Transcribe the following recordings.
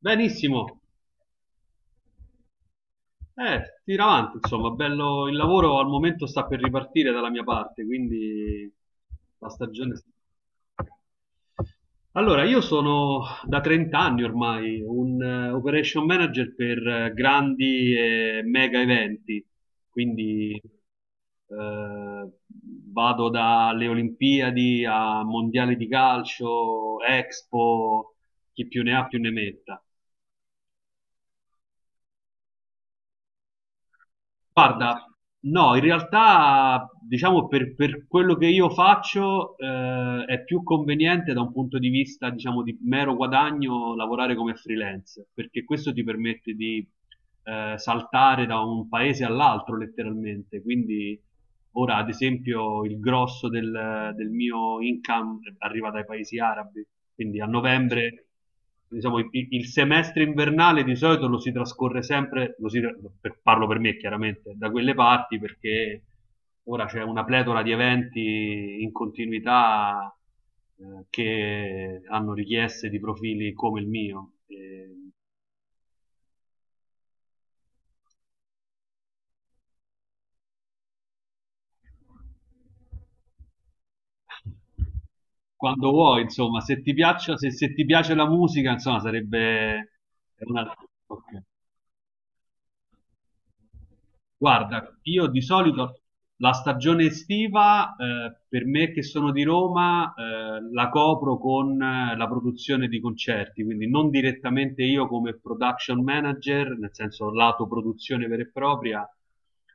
Benissimo, tira avanti, insomma, bello, il lavoro al momento sta per ripartire dalla mia parte, quindi la Allora, io sono da 30 anni ormai un operation manager per grandi e mega eventi, quindi eh, vado dalle Olimpiadi a mondiali di calcio, Expo, chi più ne ha più ne metta. Guarda, no, in realtà, diciamo, per quello che io faccio, è più conveniente da un punto di vista, diciamo, di mero guadagno lavorare come freelance, perché questo ti permette di saltare da un paese all'altro letteralmente. Quindi ora, ad esempio, il grosso del mio income arriva dai paesi arabi, quindi a novembre diciamo, il semestre invernale di solito lo si trascorre sempre, parlo per me chiaramente, da quelle parti perché ora c'è una pletora di eventi in continuità che hanno richieste di profili come il mio. E quando vuoi, insomma, se ti piace la musica, insomma, è una... ok. Guarda, io di solito la stagione estiva, per me che sono di Roma, la copro con la produzione di concerti, quindi non direttamente io come production manager, nel senso lato produzione vera e propria,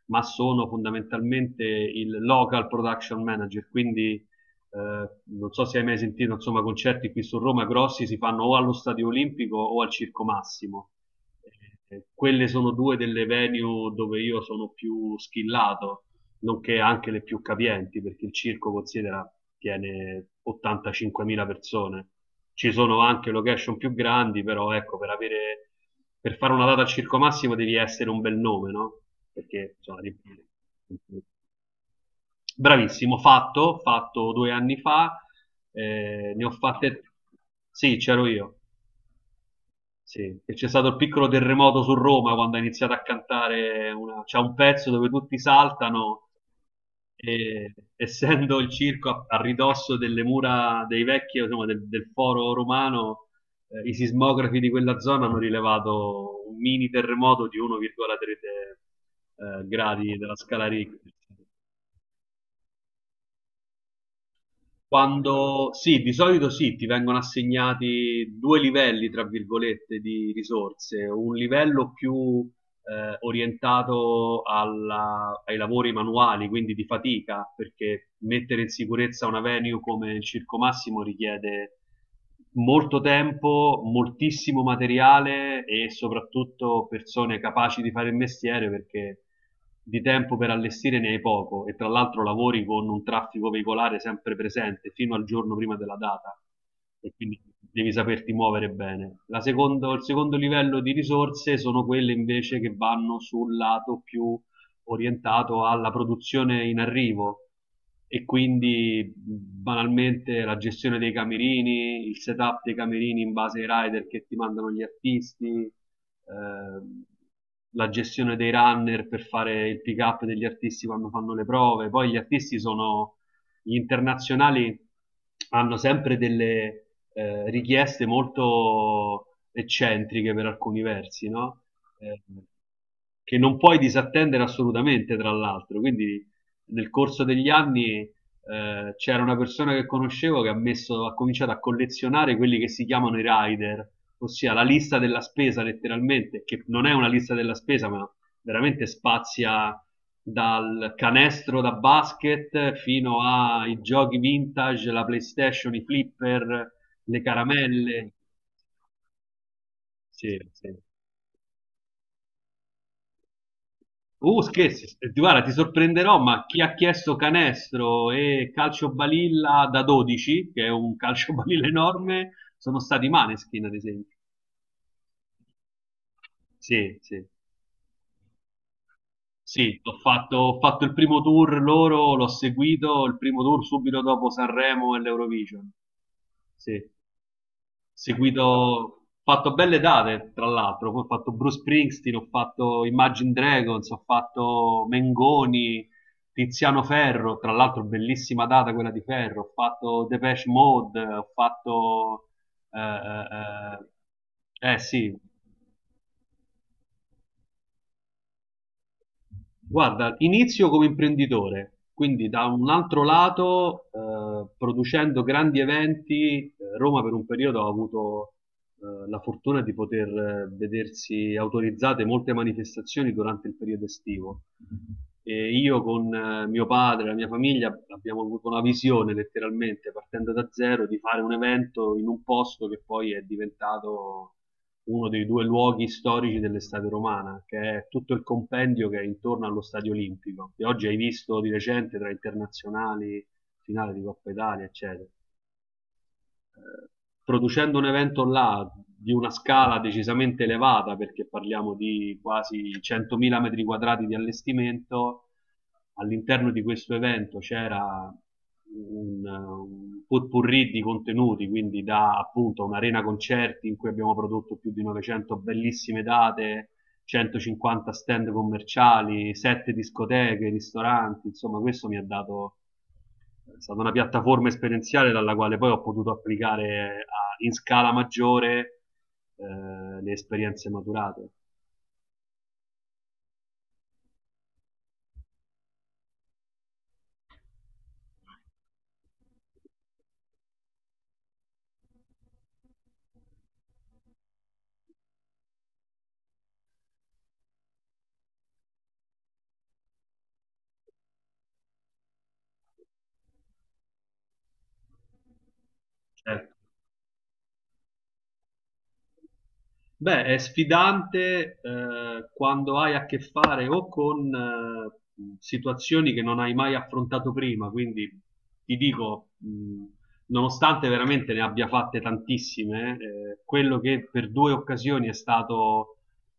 ma sono fondamentalmente il local production manager, quindi non so se hai mai sentito, insomma, concerti qui su Roma grossi si fanno o allo Stadio Olimpico o al Circo Massimo. Quelle sono due delle venue dove io sono più skillato, nonché anche le più capienti, perché il circo considera tiene 85.000 persone. Ci sono anche location più grandi, però ecco, per fare una data al Circo Massimo devi essere un bel nome, no? Perché insomma, bravissimo, fatto due anni fa, ne ho fatte, sì, c'ero io. Sì, e c'è stato il piccolo terremoto su Roma quando ha iniziato a cantare c'è un pezzo dove tutti saltano e essendo il circo a ridosso delle mura dei vecchi, insomma, del foro romano, i sismografi di quella zona hanno rilevato un mini terremoto di 1,3 gradi della scala Richter. Quando sì, di solito sì, ti vengono assegnati due livelli, tra virgolette, di risorse, un livello più orientato ai lavori manuali, quindi di fatica, perché mettere in sicurezza una venue come il Circo Massimo richiede molto tempo, moltissimo materiale e soprattutto persone capaci di fare il mestiere perché di tempo per allestire ne hai poco e tra l'altro lavori con un traffico veicolare sempre presente fino al giorno prima della data e quindi devi saperti muovere bene. Il secondo livello di risorse sono quelle invece che vanno sul lato più orientato alla produzione in arrivo e quindi banalmente la gestione dei camerini, il setup dei camerini in base ai rider che ti mandano gli artisti, ehm, la gestione dei runner per fare il pick up degli artisti quando fanno le prove. Poi gli artisti sono gli internazionali hanno sempre delle richieste molto eccentriche per alcuni versi, no? Eh, che non puoi disattendere assolutamente, tra l'altro. Quindi nel corso degli anni c'era una persona che conoscevo che ha cominciato a collezionare quelli che si chiamano i rider, ossia la lista della spesa letteralmente, che non è una lista della spesa, ma veramente spazia dal canestro da basket fino ai giochi vintage, la PlayStation, i flipper, le caramelle. Sì, sì. Scherzi, guarda, ti sorprenderò, ma chi ha chiesto canestro e calcio balilla da 12, che è un calcio balilla enorme, sono stati i Maneskin, ad esempio. Sì, sì. Sì, ho fatto il primo tour loro, l'ho seguito, il primo tour subito dopo Sanremo e l'Eurovision. Sì. Seguito, ho fatto belle date, tra l'altro, poi ho fatto Bruce Springsteen, ho fatto Imagine Dragons, ho fatto Mengoni, Tiziano Ferro, tra l'altro bellissima data quella di Ferro, ho fatto Depeche Mode, ho eh, eh, sì. Guarda, inizio come imprenditore, quindi da un altro lato, producendo grandi eventi, Roma per un periodo ha avuto la fortuna di poter vedersi autorizzate molte manifestazioni durante il periodo estivo. E io con mio padre e la mia famiglia abbiamo avuto la visione, letteralmente, partendo da zero, di fare un evento in un posto che poi è diventato uno dei due luoghi storici dell'estate romana, che è tutto il compendio che è intorno allo Stadio Olimpico, che oggi hai visto di recente tra internazionali, finale di Coppa Italia, eccetera, producendo un evento là di una scala decisamente elevata, perché parliamo di quasi 100.000 metri quadrati di allestimento, all'interno di questo evento c'era un potpourri di contenuti, quindi da appunto un'arena concerti in cui abbiamo prodotto più di 900 bellissime date, 150 stand commerciali, 7 discoteche, ristoranti, insomma questo mi ha dato è stata una piattaforma esperienziale dalla quale poi ho potuto applicare in scala maggiore le esperienze maturate. Certo. Beh, è sfidante quando hai a che fare o con situazioni che non hai mai affrontato prima, quindi ti dico, nonostante veramente ne abbia fatte tantissime, quello che per due occasioni è stato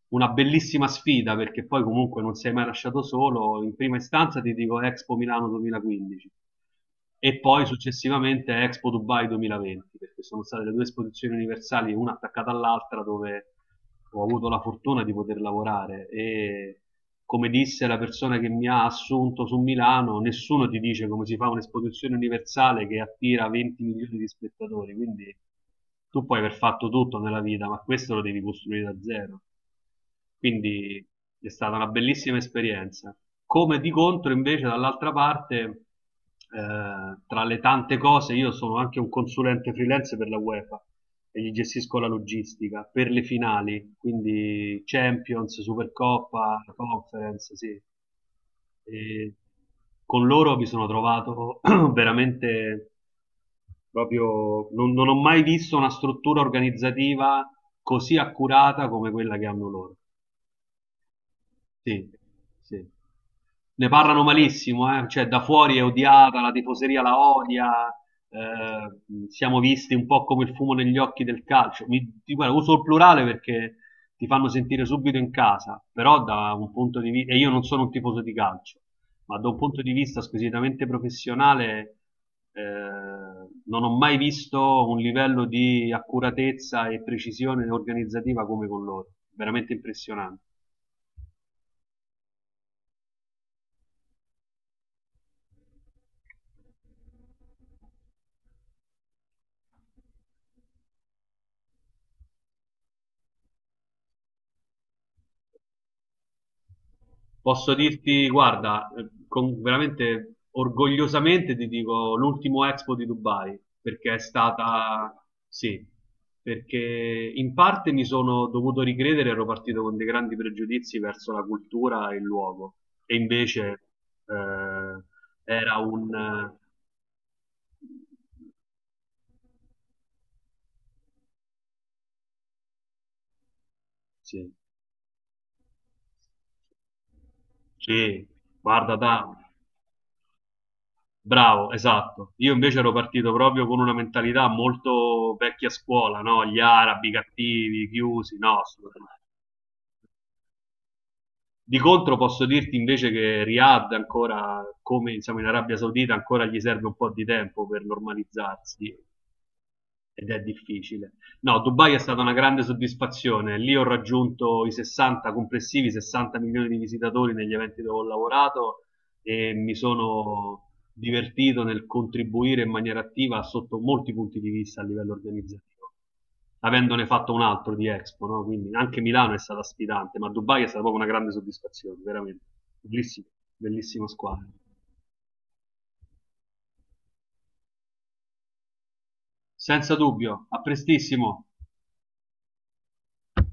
una bellissima sfida perché poi comunque non sei mai lasciato solo. In prima istanza ti dico Expo Milano 2015 e poi successivamente Expo Dubai 2020 perché sono state le due esposizioni universali una attaccata all'altra dove ho avuto la fortuna di poter lavorare e come disse la persona che mi ha assunto su Milano, nessuno ti dice come si fa un'esposizione universale che attira 20 milioni di spettatori, quindi tu puoi aver fatto tutto nella vita, ma questo lo devi costruire da zero. Quindi è stata una bellissima esperienza. Come di contro, invece, dall'altra parte, tra le tante cose, io sono anche un consulente freelance per la UEFA e gli gestisco la logistica per le finali, quindi Champions, Supercoppa, Conference, sì. E con loro mi sono trovato veramente proprio, non ho mai visto una struttura organizzativa così accurata come quella che hanno loro. Sì, sì. Ne parlano malissimo, cioè da fuori è odiata, la tifoseria la odia, siamo visti un po' come il fumo negli occhi del calcio. Guarda, uso il plurale perché ti fanno sentire subito in casa, però da un punto di vista, e io non sono un tifoso di calcio, ma da un punto di vista squisitamente professionale, eh, non ho mai visto un livello di accuratezza e precisione organizzativa come con loro. Veramente impressionante. Posso dirti, guarda, veramente orgogliosamente ti dico l'ultimo Expo di Dubai, perché è stata, sì, perché in parte mi sono dovuto ricredere, ero partito con dei grandi pregiudizi verso la cultura e il luogo, e invece eh, era un... eh, sì, sì, guarda, da, bravo, esatto. Io invece ero partito proprio con una mentalità molto vecchia scuola, no? Gli arabi cattivi, chiusi, no, assolutamente. Di contro posso dirti invece che Riyadh ancora, come siamo in Arabia Saudita, ancora gli serve un po' di tempo per normalizzarsi. Ed è difficile. No, Dubai è stata una grande soddisfazione. Lì ho raggiunto i 60 complessivi, 60 milioni di visitatori negli eventi dove ho lavorato e mi sono divertito nel contribuire in maniera attiva sotto molti punti di vista a livello organizzativo, avendone fatto un altro di Expo, no? Quindi anche Milano è stata sfidante, ma Dubai è stata proprio una grande soddisfazione, veramente. Bellissimo, bellissima squadra. Senza dubbio, a prestissimo.